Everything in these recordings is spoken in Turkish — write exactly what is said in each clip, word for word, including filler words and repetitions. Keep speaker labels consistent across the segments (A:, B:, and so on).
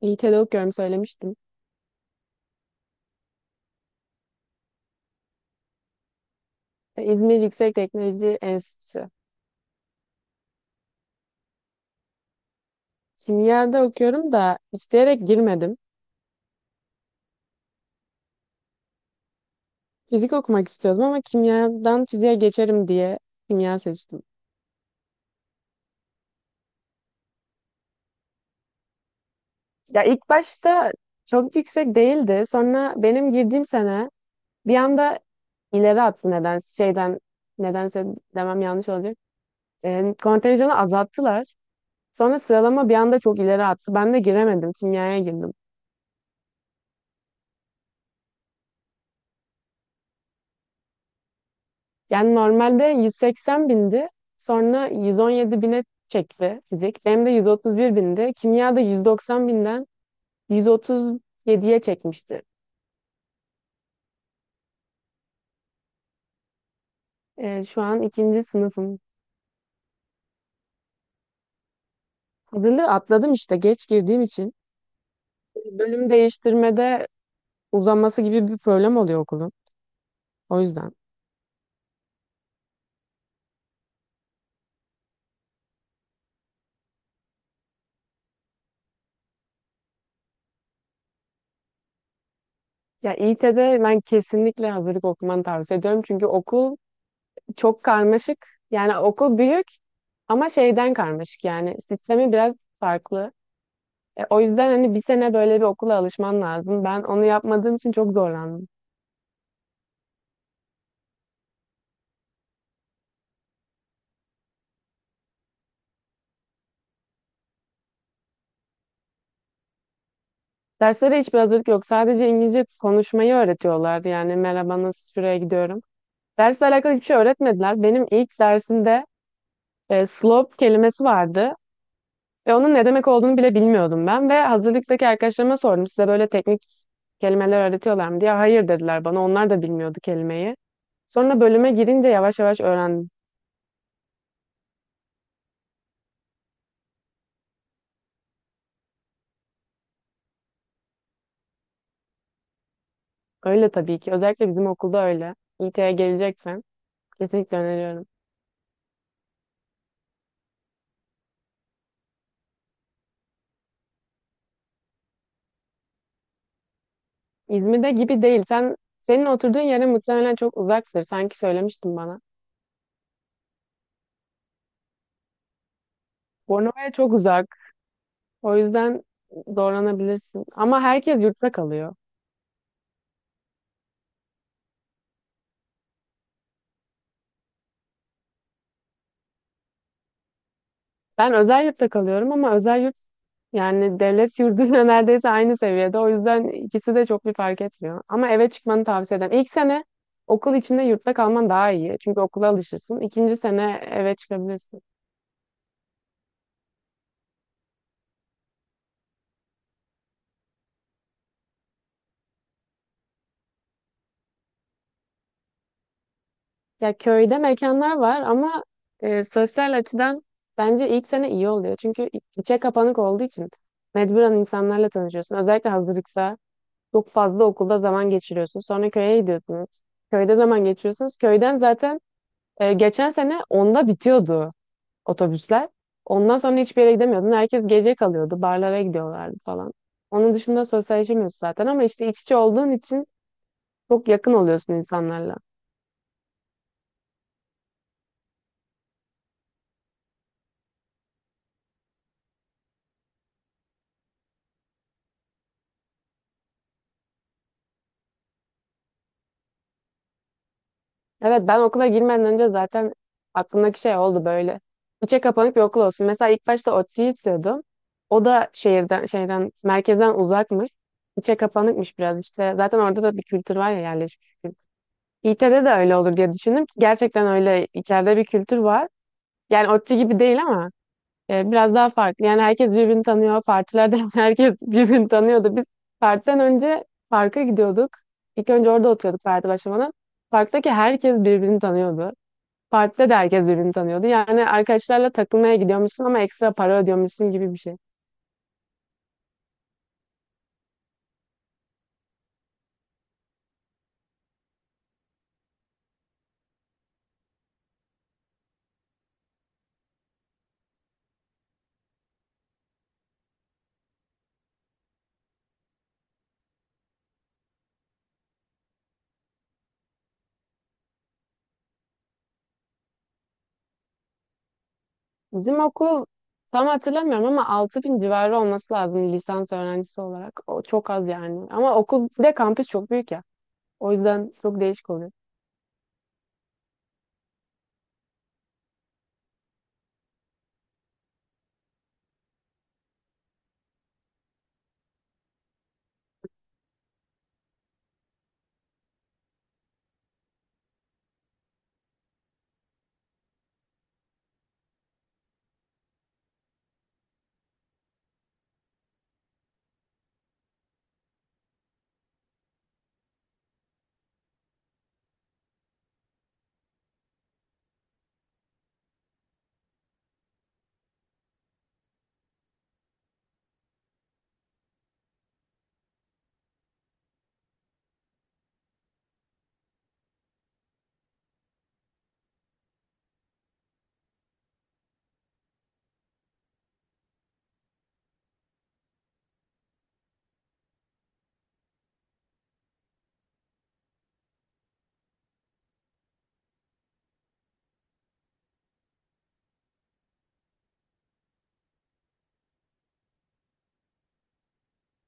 A: İT'de okuyorum, söylemiştim. E, İzmir Yüksek Teknoloji Enstitüsü. Kimyada okuyorum da isteyerek girmedim. Fizik okumak istiyordum ama kimyadan fiziğe geçerim diye kimya seçtim. Ya ilk başta çok yüksek değildi. Sonra benim girdiğim sene bir anda ileri attı. Neden şeyden nedense demem yanlış olacak. E, kontenjanı azalttılar. Sonra sıralama bir anda çok ileri attı. Ben de giremedim. Kimyaya girdim. Yani normalde yüz seksen bindi. Sonra yüz on yedi bine çekti fizik. Benim de yüz otuz bir bindi. Kimya da yüz doksan binden yüz otuz yediye çekmişti. Ee, şu an ikinci sınıfım. Hazırlığı atladım işte geç girdiğim için. Bölüm değiştirmede uzaması gibi bir problem oluyor okulun. O yüzden. Ya İT'de ben kesinlikle hazırlık okumanı tavsiye ediyorum. Çünkü okul çok karmaşık. Yani okul büyük ama şeyden karmaşık yani. Sistemi biraz farklı. E, o yüzden hani bir sene böyle bir okula alışman lazım. Ben onu yapmadığım için çok zorlandım. Derslere hiçbir hazırlık yok. Sadece İngilizce konuşmayı öğretiyorlar. Yani merhaba, nasıl, şuraya gidiyorum. Dersle alakalı hiçbir şey öğretmediler. Benim ilk dersimde e, slope kelimesi vardı. Ve onun ne demek olduğunu bile bilmiyordum ben. Ve hazırlıktaki arkadaşlarıma sordum. Size böyle teknik kelimeler öğretiyorlar mı diye. Hayır dediler bana. Onlar da bilmiyordu kelimeyi. Sonra bölüme girince yavaş yavaş öğrendim. Öyle tabii ki. Özellikle bizim okulda öyle. İT'ye geleceksen kesinlikle öneriyorum. İzmir'de gibi değil. Sen senin oturduğun yere muhtemelen çok uzaktır. Sanki söylemiştin bana. Bornova'ya çok uzak. O yüzden zorlanabilirsin. Ama herkes yurtta kalıyor. Ben özel yurtta kalıyorum ama özel yurt yani devlet yurduyla neredeyse aynı seviyede. O yüzden ikisi de çok bir fark etmiyor. Ama eve çıkmanı tavsiye ederim. İlk sene okul içinde yurtta kalman daha iyi. Çünkü okula alışırsın. İkinci sene eve çıkabilirsin. Ya köyde mekanlar var ama e, sosyal açıdan bence ilk sene iyi oluyor. Çünkü içe kapanık olduğu için mecburen insanlarla tanışıyorsun. Özellikle hazırlıkta çok fazla okulda zaman geçiriyorsun. Sonra köye gidiyorsunuz. Köyde zaman geçiriyorsunuz. Köyden zaten e, geçen sene onda bitiyordu otobüsler. Ondan sonra hiçbir yere gidemiyordun. Herkes gece kalıyordu. Barlara gidiyorlardı falan. Onun dışında sosyalleşemiyorsun zaten ama işte iç içe olduğun için çok yakın oluyorsun insanlarla. Evet, ben okula girmeden önce zaten aklımdaki şey oldu böyle. İçe kapanık bir okul olsun. Mesela ilk başta ODTÜ'yü istiyordum. O da şehirden, şeyden, merkezden uzakmış. İçe kapanıkmış biraz işte. Zaten orada da bir kültür var ya, yerleşmiş bir kültür. İT'de de öyle olur diye düşündüm ki gerçekten öyle içeride bir kültür var. Yani ODTÜ gibi değil ama E, biraz daha farklı. Yani herkes birbirini tanıyor. Partilerde herkes birbirini tanıyordu. Biz partiden önce parka gidiyorduk. İlk önce orada oturuyorduk parti başlamadan. Parktaki herkes birbirini tanıyordu. Partide de herkes birbirini tanıyordu. Yani arkadaşlarla takılmaya gidiyormuşsun ama ekstra para ödüyormuşsun gibi bir şey. Bizim okul tam hatırlamıyorum ama altı bin civarı olması lazım lisans öğrencisi olarak. O çok az yani. Ama okul bir de kampüs çok büyük ya. O yüzden çok değişik oluyor.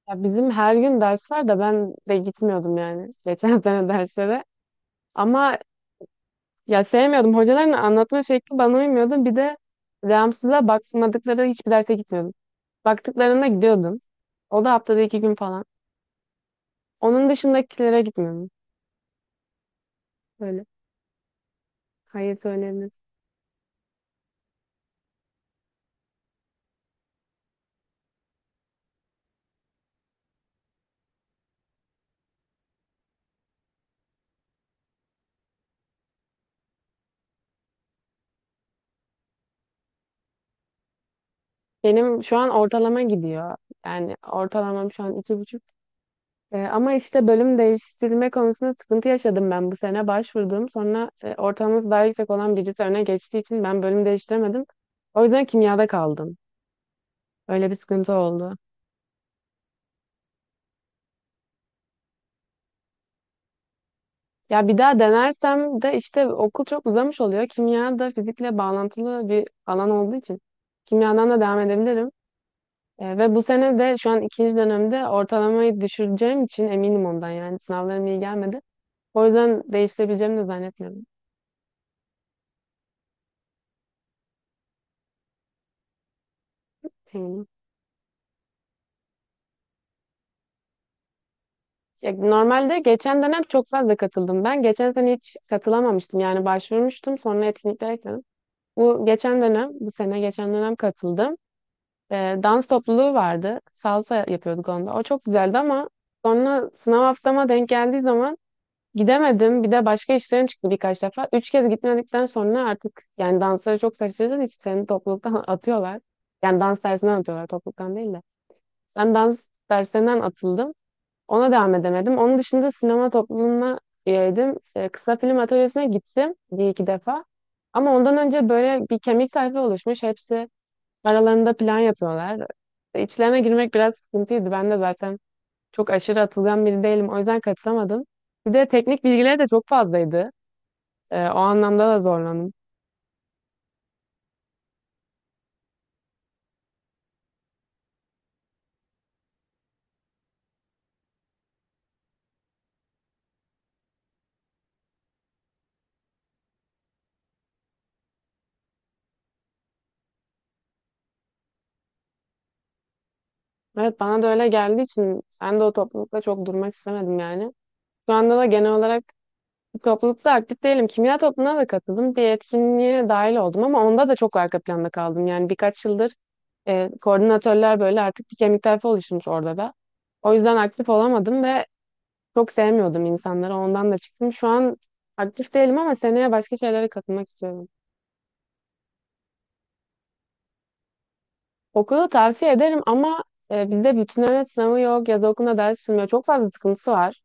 A: Ya bizim her gün ders var da ben de gitmiyordum yani geçen sene derslere. Ama ya sevmiyordum. Hocaların anlatma şekli bana uymuyordu. Bir de devamsızlığa bakmadıkları hiçbir derse gitmiyordum. Baktıklarında gidiyordum. O da haftada iki gün falan. Onun dışındakilere gitmiyordum. Böyle. Hayır, söylenir. Benim şu an ortalama gidiyor. Yani ortalamam şu an iki buçuk. E, ama işte bölüm değiştirme konusunda sıkıntı yaşadım, ben bu sene başvurdum. Sonra e, ortalaması daha yüksek olan birisi öne geçtiği için ben bölüm değiştiremedim. O yüzden kimyada kaldım. Öyle bir sıkıntı oldu. Ya bir daha denersem de işte okul çok uzamış oluyor. Kimya da fizikle bağlantılı bir alan olduğu için kimyadan da devam edebilirim. E, ve bu sene de şu an ikinci dönemde ortalamayı düşüreceğim için eminim ondan, yani sınavlarım iyi gelmedi. O yüzden değiştirebileceğimi de zannetmiyorum. Ya, normalde geçen dönem çok fazla katıldım. Ben geçen sene hiç katılamamıştım. Yani başvurmuştum, sonra etkinliklere katıldım. Bu geçen dönem, bu sene geçen dönem katıldım. Ee, dans topluluğu vardı. Salsa yapıyorduk onda. O çok güzeldi ama sonra sınav haftama denk geldiği zaman gidemedim. Bir de başka işlerim çıktı birkaç defa. Üç kez gitmedikten sonra artık yani dansları çok kaçırdığın için seni topluluktan atıyorlar. Yani dans dersinden atıyorlar, topluluktan değil de. Ben dans dersinden atıldım. Ona devam edemedim. Onun dışında sinema topluluğuna üyeydim. E, kısa film atölyesine gittim bir iki defa. Ama ondan önce böyle bir kemik tayfa oluşmuş. Hepsi aralarında plan yapıyorlar. E, İçlerine girmek biraz sıkıntıydı. Ben de zaten çok aşırı atılgan biri değilim. O yüzden katılamadım. Bir de teknik bilgileri de çok fazlaydı. E, o anlamda da zorlandım. Evet bana da öyle geldiği için ben de o toplulukla çok durmak istemedim yani. Şu anda da genel olarak toplulukta aktif değilim. Kimya topluluğuna da katıldım. Bir etkinliğe dahil oldum ama onda da çok arka planda kaldım. Yani birkaç yıldır e, koordinatörler böyle artık bir kemik tayfa oluşmuş orada da. O yüzden aktif olamadım ve çok sevmiyordum insanları. Ondan da çıktım. Şu an aktif değilim ama seneye başka şeylere katılmak istiyorum. Okulu tavsiye ederim ama e, bizde bütünleme sınavı yok. Yaz okulunda ders sürmüyor. Çok fazla sıkıntısı var.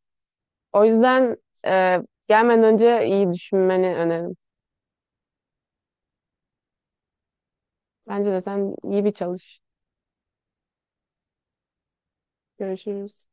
A: O yüzden e, gelmeden önce iyi düşünmeni öneririm. Bence de sen iyi bir çalış. Görüşürüz.